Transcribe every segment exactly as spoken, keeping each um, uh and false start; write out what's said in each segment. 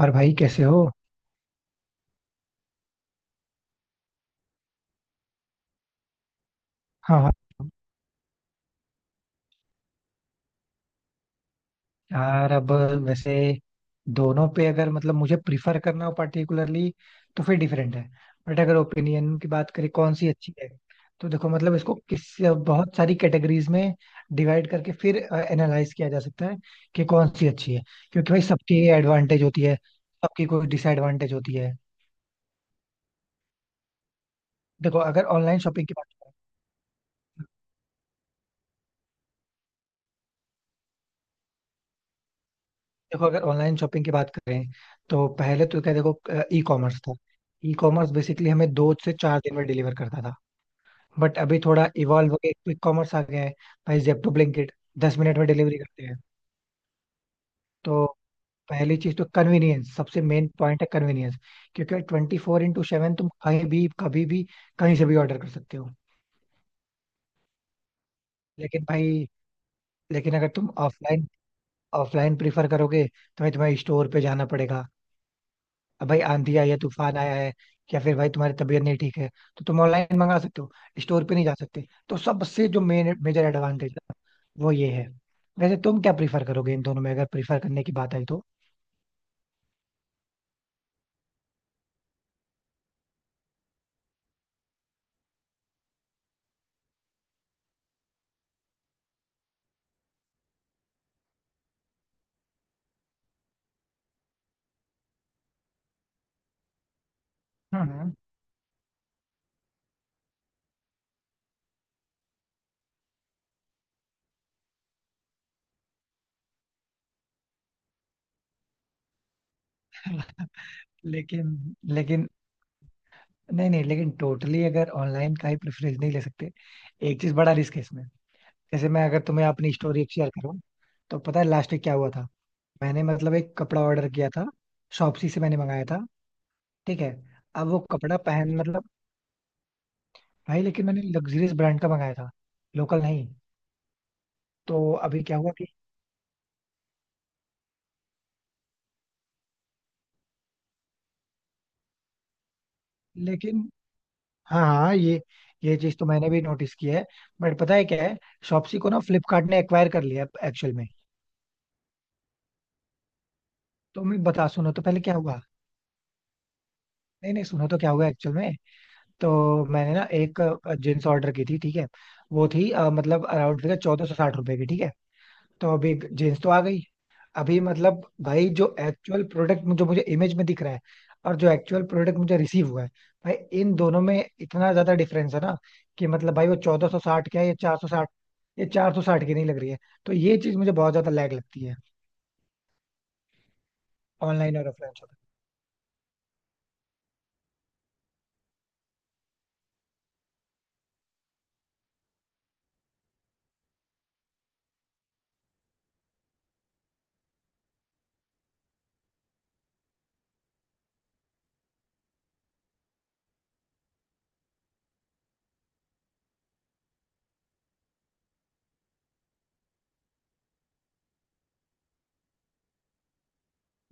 और भाई कैसे हो? हाँ हाँ। यार, अब वैसे दोनों पे अगर मतलब मुझे प्रिफर करना हो पर्टिकुलरली तो फिर डिफरेंट है। बट अगर ओपिनियन की बात करें कौन सी अच्छी है, तो देखो मतलब इसको किस बहुत सारी कैटेगरीज में डिवाइड करके फिर एनालाइज किया जा सकता है कि कौन सी अच्छी है। क्योंकि भाई सबकी एडवांटेज होती है, सबकी कोई डिसएडवांटेज होती है। देखो अगर ऑनलाइन शॉपिंग की बात देखो अगर ऑनलाइन शॉपिंग की बात करें तो पहले तो क्या, देखो ई कॉमर्स था। ई कॉमर्स बेसिकली हमें दो से चार दिन में डिलीवर करता था। बट अभी थोड़ा इवॉल्व हो गया, क्विक कॉमर्स आ गया है। भाई जेप्टो, ब्लिंकिट दस मिनट में डिलीवरी करते हैं। तो पहली चीज तो कन्वीनियंस, सबसे मेन पॉइंट है कन्वीनियंस। क्योंकि ट्वेंटी फोर इंटू सेवन तुम कहीं भी कभी भी कहीं से भी ऑर्डर कर सकते हो। लेकिन भाई। लेकिन अगर तुम ऑफलाइन ऑफलाइन प्रीफर करोगे तो भाई तुम्हें स्टोर पे जाना पड़ेगा। अब भाई आंधी आई है, तूफान आया है, या फिर भाई तुम्हारी तबीयत नहीं ठीक है, तो तुम ऑनलाइन मंगा सकते हो, स्टोर पे नहीं जा सकते। तो सबसे जो मेन मेजर एडवांटेज है वो ये है। वैसे तुम क्या प्रीफर करोगे इन दोनों में, अगर प्रीफर करने की बात आई तो? हम्म। लेकिन। लेकिन नहीं नहीं, लेकिन टोटली अगर ऑनलाइन का ही प्रेफरेंस नहीं ले सकते। एक चीज बड़ा रिस्क है इसमें। जैसे मैं अगर तुम्हें अपनी स्टोरी शेयर करूं, तो पता है लास्ट वीक क्या हुआ था? मैंने मतलब एक कपड़ा ऑर्डर किया था। शॉपसी से मैंने मंगाया था, ठीक है? अब वो कपड़ा पहन मतलब भाई, लेकिन मैंने लग्जरियस ब्रांड का मंगाया था, लोकल नहीं। तो अभी क्या हुआ कि लेकिन, हाँ हाँ, ये ये चीज तो मैंने भी नोटिस की है। बट पता है क्या है, शॉप्सी को ना फ्लिपकार्ट ने एक्वायर कर लिया एक्चुअल में। तो मैं बता सुनो, तो पहले क्या हुआ। नहीं नहीं, सुनो तो क्या हुआ एक्चुअल में। तो मैंने ना एक जींस ऑर्डर की थी, ठीक है? वो थी अ, मतलब अराउंड चौदह सौ साठ रुपए की, ठीक है? तो अभी जींस तो आ गई। अभी मतलब भाई, जो एक्चुअल प्रोडक्ट जो मुझे इमेज में दिख रहा है, और जो एक्चुअल प्रोडक्ट मुझे रिसीव हुआ है, भाई इन दोनों में इतना ज्यादा डिफरेंस है ना, कि मतलब भाई वो चौदह सौ साठ क्या है, ये चार सौ साठ। ये चार सौ साठ की नहीं लग रही है। तो ये चीज मुझे बहुत ज्यादा लैग लगती है। ऑनलाइन और ऑफलाइन।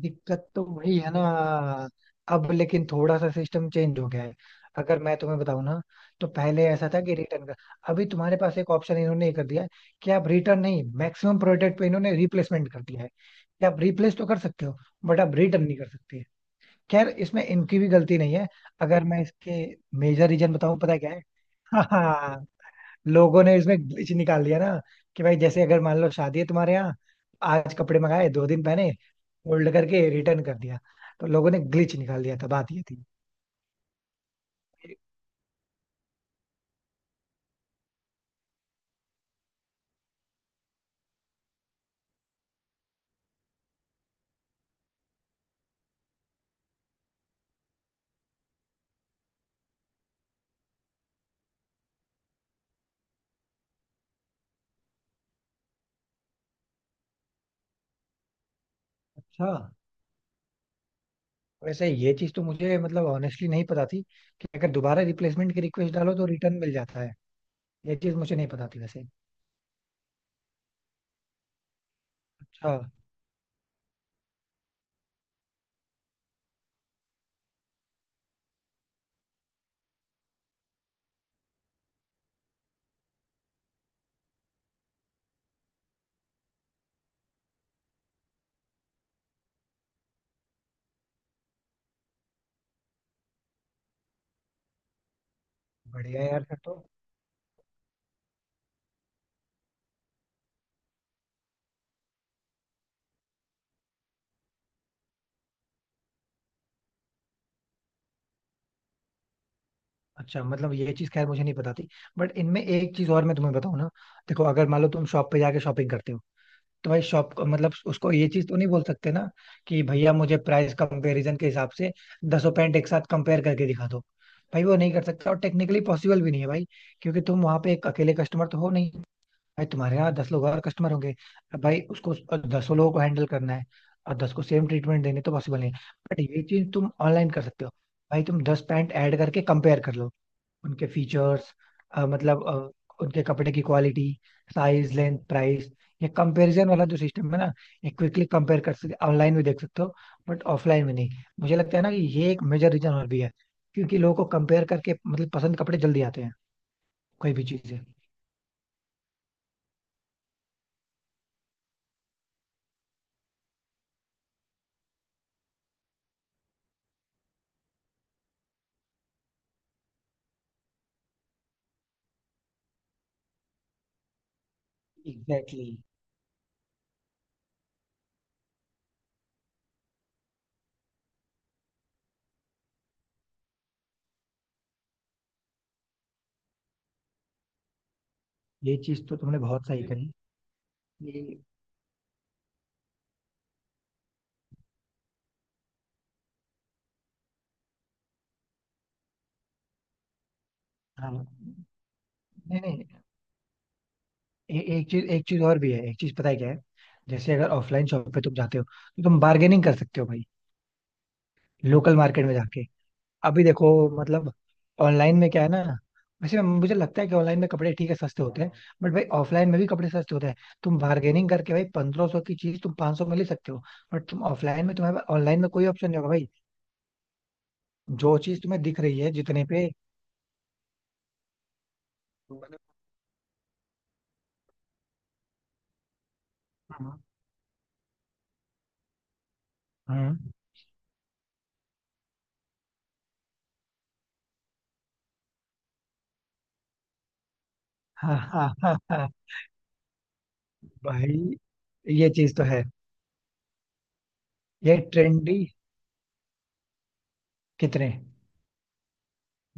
दिक्कत तो वही है ना। अब लेकिन थोड़ा सा सिस्टम चेंज हो गया है। अगर मैं तुम्हें बताऊं ना, तो पहले ऐसा था कि रिटर्न का। अभी तुम्हारे पास एक ऑप्शन इन्होंने ये कर दिया है, कि आप रिटर्न नहीं, मैक्सिमम प्रोडक्ट पे इन्होंने रिप्लेसमेंट कर दिया है, कि आप रिप्लेस तो कर सकते हो बट आप रिटर्न नहीं कर सकते। खैर इसमें इनकी भी गलती नहीं है। अगर मैं इसके मेजर रीजन बताऊं, पता है क्या है? लोगों ने इसमें ग्लिच निकाल दिया ना, कि भाई जैसे अगर मान लो शादी है तुम्हारे यहाँ, आज कपड़े मंगाए, दो दिन पहने, फोल्ड करके रिटर्न कर दिया। तो लोगों ने ग्लिच निकाल दिया था, बात ये थी। अच्छा। वैसे ये चीज तो मुझे मतलब ऑनेस्टली नहीं पता थी, कि अगर दोबारा रिप्लेसमेंट की रिक्वेस्ट डालो तो रिटर्न मिल जाता है। ये चीज मुझे नहीं पता थी वैसे। अच्छा। बढ़िया यार, फिर तो। अच्छा, मतलब ये चीज खैर मुझे नहीं पता थी। बट इनमें एक चीज और मैं तुम्हें बताऊं ना, देखो अगर मान लो तुम शॉप पे जाके शॉपिंग करते हो, तो भाई शॉप मतलब उसको ये चीज तो नहीं बोल सकते ना, कि भैया मुझे प्राइस कंपैरिजन के हिसाब से दसों पैंट एक साथ कंपेयर करके दिखा दो। भाई वो नहीं कर सकता, और टेक्निकली पॉसिबल भी नहीं है भाई। क्योंकि तुम वहां पे एक अकेले कस्टमर तो हो नहीं, भाई तुम्हारे यहाँ दस लोग और कस्टमर होंगे। अब भाई उसको दसों लोगों को हैंडल करना है, और दस को सेम ट्रीटमेंट देने तो पॉसिबल नहीं है। बट ये चीज तुम ऑनलाइन कर सकते हो। भाई तुम दस पैंट ऐड करके कंपेयर कर लो, उनके फीचर्स, मतलब अ, उनके कपड़े की क्वालिटी, साइज, लेंथ, प्राइस। ये कंपैरिजन वाला जो सिस्टम है ना, ये क्विकली कंपेयर कर सकते, ऑनलाइन भी देख सकते हो, बट ऑफलाइन में नहीं। मुझे लगता है ना कि ये एक मेजर रीजन और भी है। क्योंकि लोगों को कंपेयर करके मतलब पसंद कपड़े जल्दी आते हैं। कोई भी चीज़ है। Exactly, exactly। ये चीज तो तुमने बहुत सही कही। ये, हाँ। नहीं नहीं। ए, एक चीज, एक चीज और भी है, एक चीज पता है क्या है? जैसे अगर ऑफलाइन शॉप पे तुम जाते हो, तो तुम बार्गेनिंग कर सकते हो भाई, लोकल मार्केट में जाके। अभी देखो, मतलब ऑनलाइन में क्या है ना, वैसे मुझे लगता है कि ऑनलाइन में कपड़े ठीक है सस्ते होते हैं, बट भाई ऑफलाइन में भी कपड़े सस्ते होते हैं। तुम बार्गेनिंग करके भाई पंद्रह सौ की चीज तुम 500 सौ में ले सकते हो। बट तुम ऑफलाइन में, तुम्हारे पास ऑनलाइन में कोई ऑप्शन नहीं होगा भाई, जो चीज तुम्हें दिख रही है जितने पे। हम्म हम्म, हाँ हाँ हाँ हाँ। भाई ये चीज तो है। ये ट्रेंडी। कितने।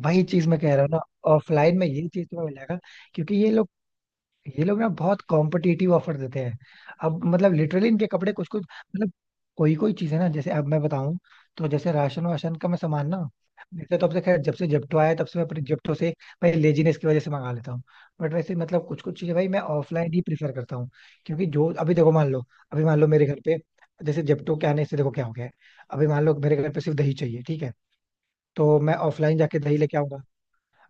वही चीज मैं कह रहा हूँ ना, ऑफलाइन में ये चीज तुम्हें मिल जाएगा। क्योंकि ये लोग ये लोग ना बहुत कॉम्पिटिटिव ऑफर देते हैं। अब मतलब लिटरली इनके कपड़े कुछ कुछ मतलब, कोई कोई चीज है ना, जैसे अब मैं बताऊं। तो जैसे राशन वाशन का मैं सामान ना, वैसे तो अब से खैर जब से जेप्टो आया है, तब से मैं अपने जेप्टो से भाई लेजीनेस की वजह से मंगा लेता हूँ। बट वैसे मतलब कुछ कुछ चीजें भाई मैं ऑफलाइन ही प्रीफर करता हूँ। क्योंकि जो अभी देखो, मान लो, अभी मान लो मेरे घर पे, जैसे जेप्टो के आने से देखो क्या हो गया है। अभी मान लो मेरे घर पे सिर्फ दही चाहिए, ठीक है? तो मैं ऑफलाइन जाके दही लेके आऊंगा।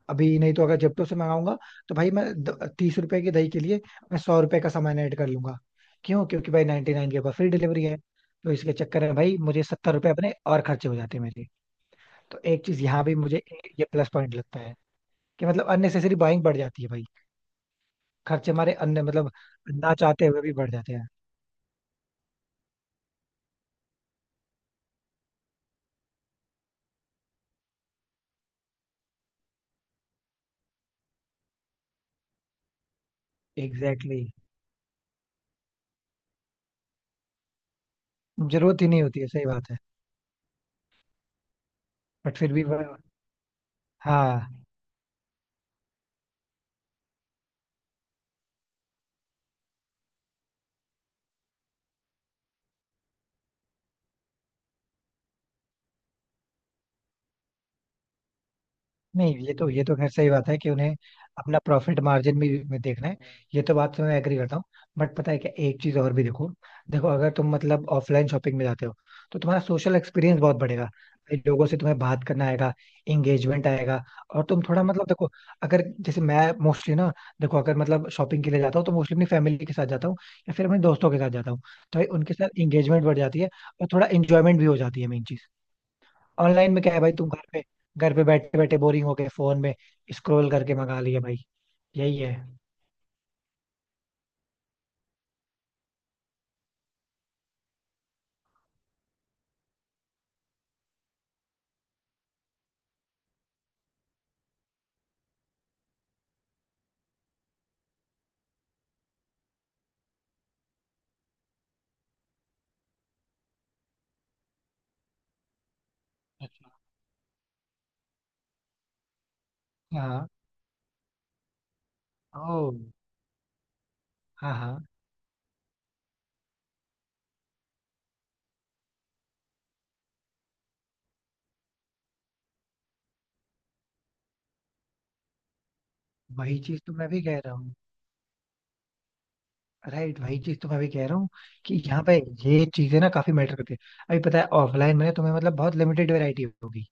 अभी नहीं तो अगर जेप्टो से मंगाऊंगा, तो भाई मैं द- तीस रुपए की दही के लिए मैं सौ रुपए का सामान ऐड कर लूंगा। क्यों? क्योंकि भाई नाइनटी नाइन के ऊपर फ्री डिलीवरी है, तो इसके चक्कर में भाई मुझे सत्तर रुपए अपने और खर्चे हो जाते हैं मेरे। तो एक चीज यहाँ भी मुझे ये प्लस पॉइंट लगता है, कि मतलब अननेसेसरी बाइंग बढ़ जाती है भाई, खर्चे हमारे अन्य मतलब ना चाहते हुए भी बढ़ जाते हैं। Exactly, exactly। जरूरत ही नहीं होती है, सही बात है। बट फिर भी, हाँ। नहीं, ये तो, ये तो खैर सही बात है कि उन्हें अपना प्रॉफिट मार्जिन भी में देखना है। ये तो बात से मैं एग्री करता हूँ। बट पता है क्या, एक चीज और भी देखो। देखो अगर तुम मतलब ऑफलाइन शॉपिंग में जाते हो, तो तुम्हारा सोशल एक्सपीरियंस बहुत बढ़ेगा भाई, लोगों से तुम्हें बात करना आएगा, एंगेजमेंट आएगा। और तुम थोड़ा मतलब देखो, अगर जैसे मैं मोस्टली ना, देखो अगर मतलब शॉपिंग के लिए जाता हूँ तो मोस्टली अपनी फैमिली के साथ जाता हूँ, या फिर अपने दोस्तों के साथ जाता हूँ। तो भाई उनके साथ एंगेजमेंट बढ़ जाती है, और थोड़ा इंजॉयमेंट भी हो जाती है, मेन चीज। ऑनलाइन में क्या है भाई, तुम घर पे घर पे बैठे बैठे बोरिंग हो गए, फोन में स्क्रॉल करके मंगा लिया भाई, यही है। अच्छा, हाँ ओ, हाँ हाँ। वही चीज तो मैं भी कह रहा हूँ। राइट, वही चीज तो मैं भी कह रहा हूँ, कि यहाँ पे ये चीजें ना काफी मैटर करती है। अभी पता है ऑफलाइन में ना तुम्हें मतलब बहुत लिमिटेड वैरायटी होगी,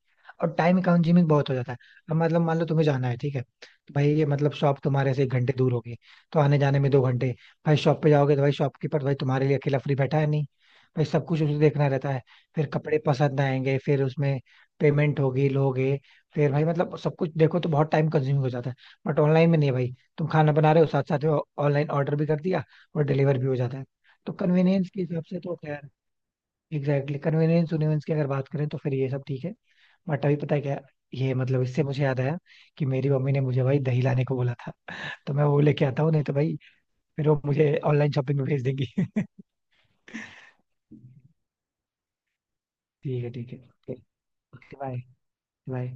और टाइम कंज्यूमिंग बहुत हो जाता है। अब मतलब मान लो तुम्हें जाना है, ठीक है, तो भाई ये मतलब शॉप तुम्हारे से एक घंटे दूर होगी, तो आने जाने में दो घंटे। भाई शॉप पे जाओगे तो भाई शॉपकीपर भाई तुम्हारे लिए अकेला फ्री बैठा है नहीं, भाई सब कुछ उसे देखना रहता है। फिर कपड़े पसंद आएंगे, फिर उसमें पेमेंट होगी, लोगे, फिर भाई मतलब सब कुछ देखो तो बहुत टाइम कंज्यूमिंग हो जाता है। बट ऑनलाइन में नहीं है भाई। तुम खाना बना रहे हो, साथ साथ में ऑनलाइन ऑर्डर भी कर दिया और डिलीवर भी हो जाता है। तो कन्वीनियंस के हिसाब से तो खैर, एग्जैक्टली कन्वीनियंस उन्वीनियंस की अगर बात करें तो फिर ये सब ठीक है। बट अभी पता है क्या, ये मतलब इससे मुझे याद आया कि मेरी मम्मी ने मुझे भाई दही लाने को बोला था, तो मैं वो लेके आता हूँ, नहीं तो भाई फिर वो मुझे ऑनलाइन शॉपिंग में भेज देंगी। ठीक है, ठीक है। बाय। बाय।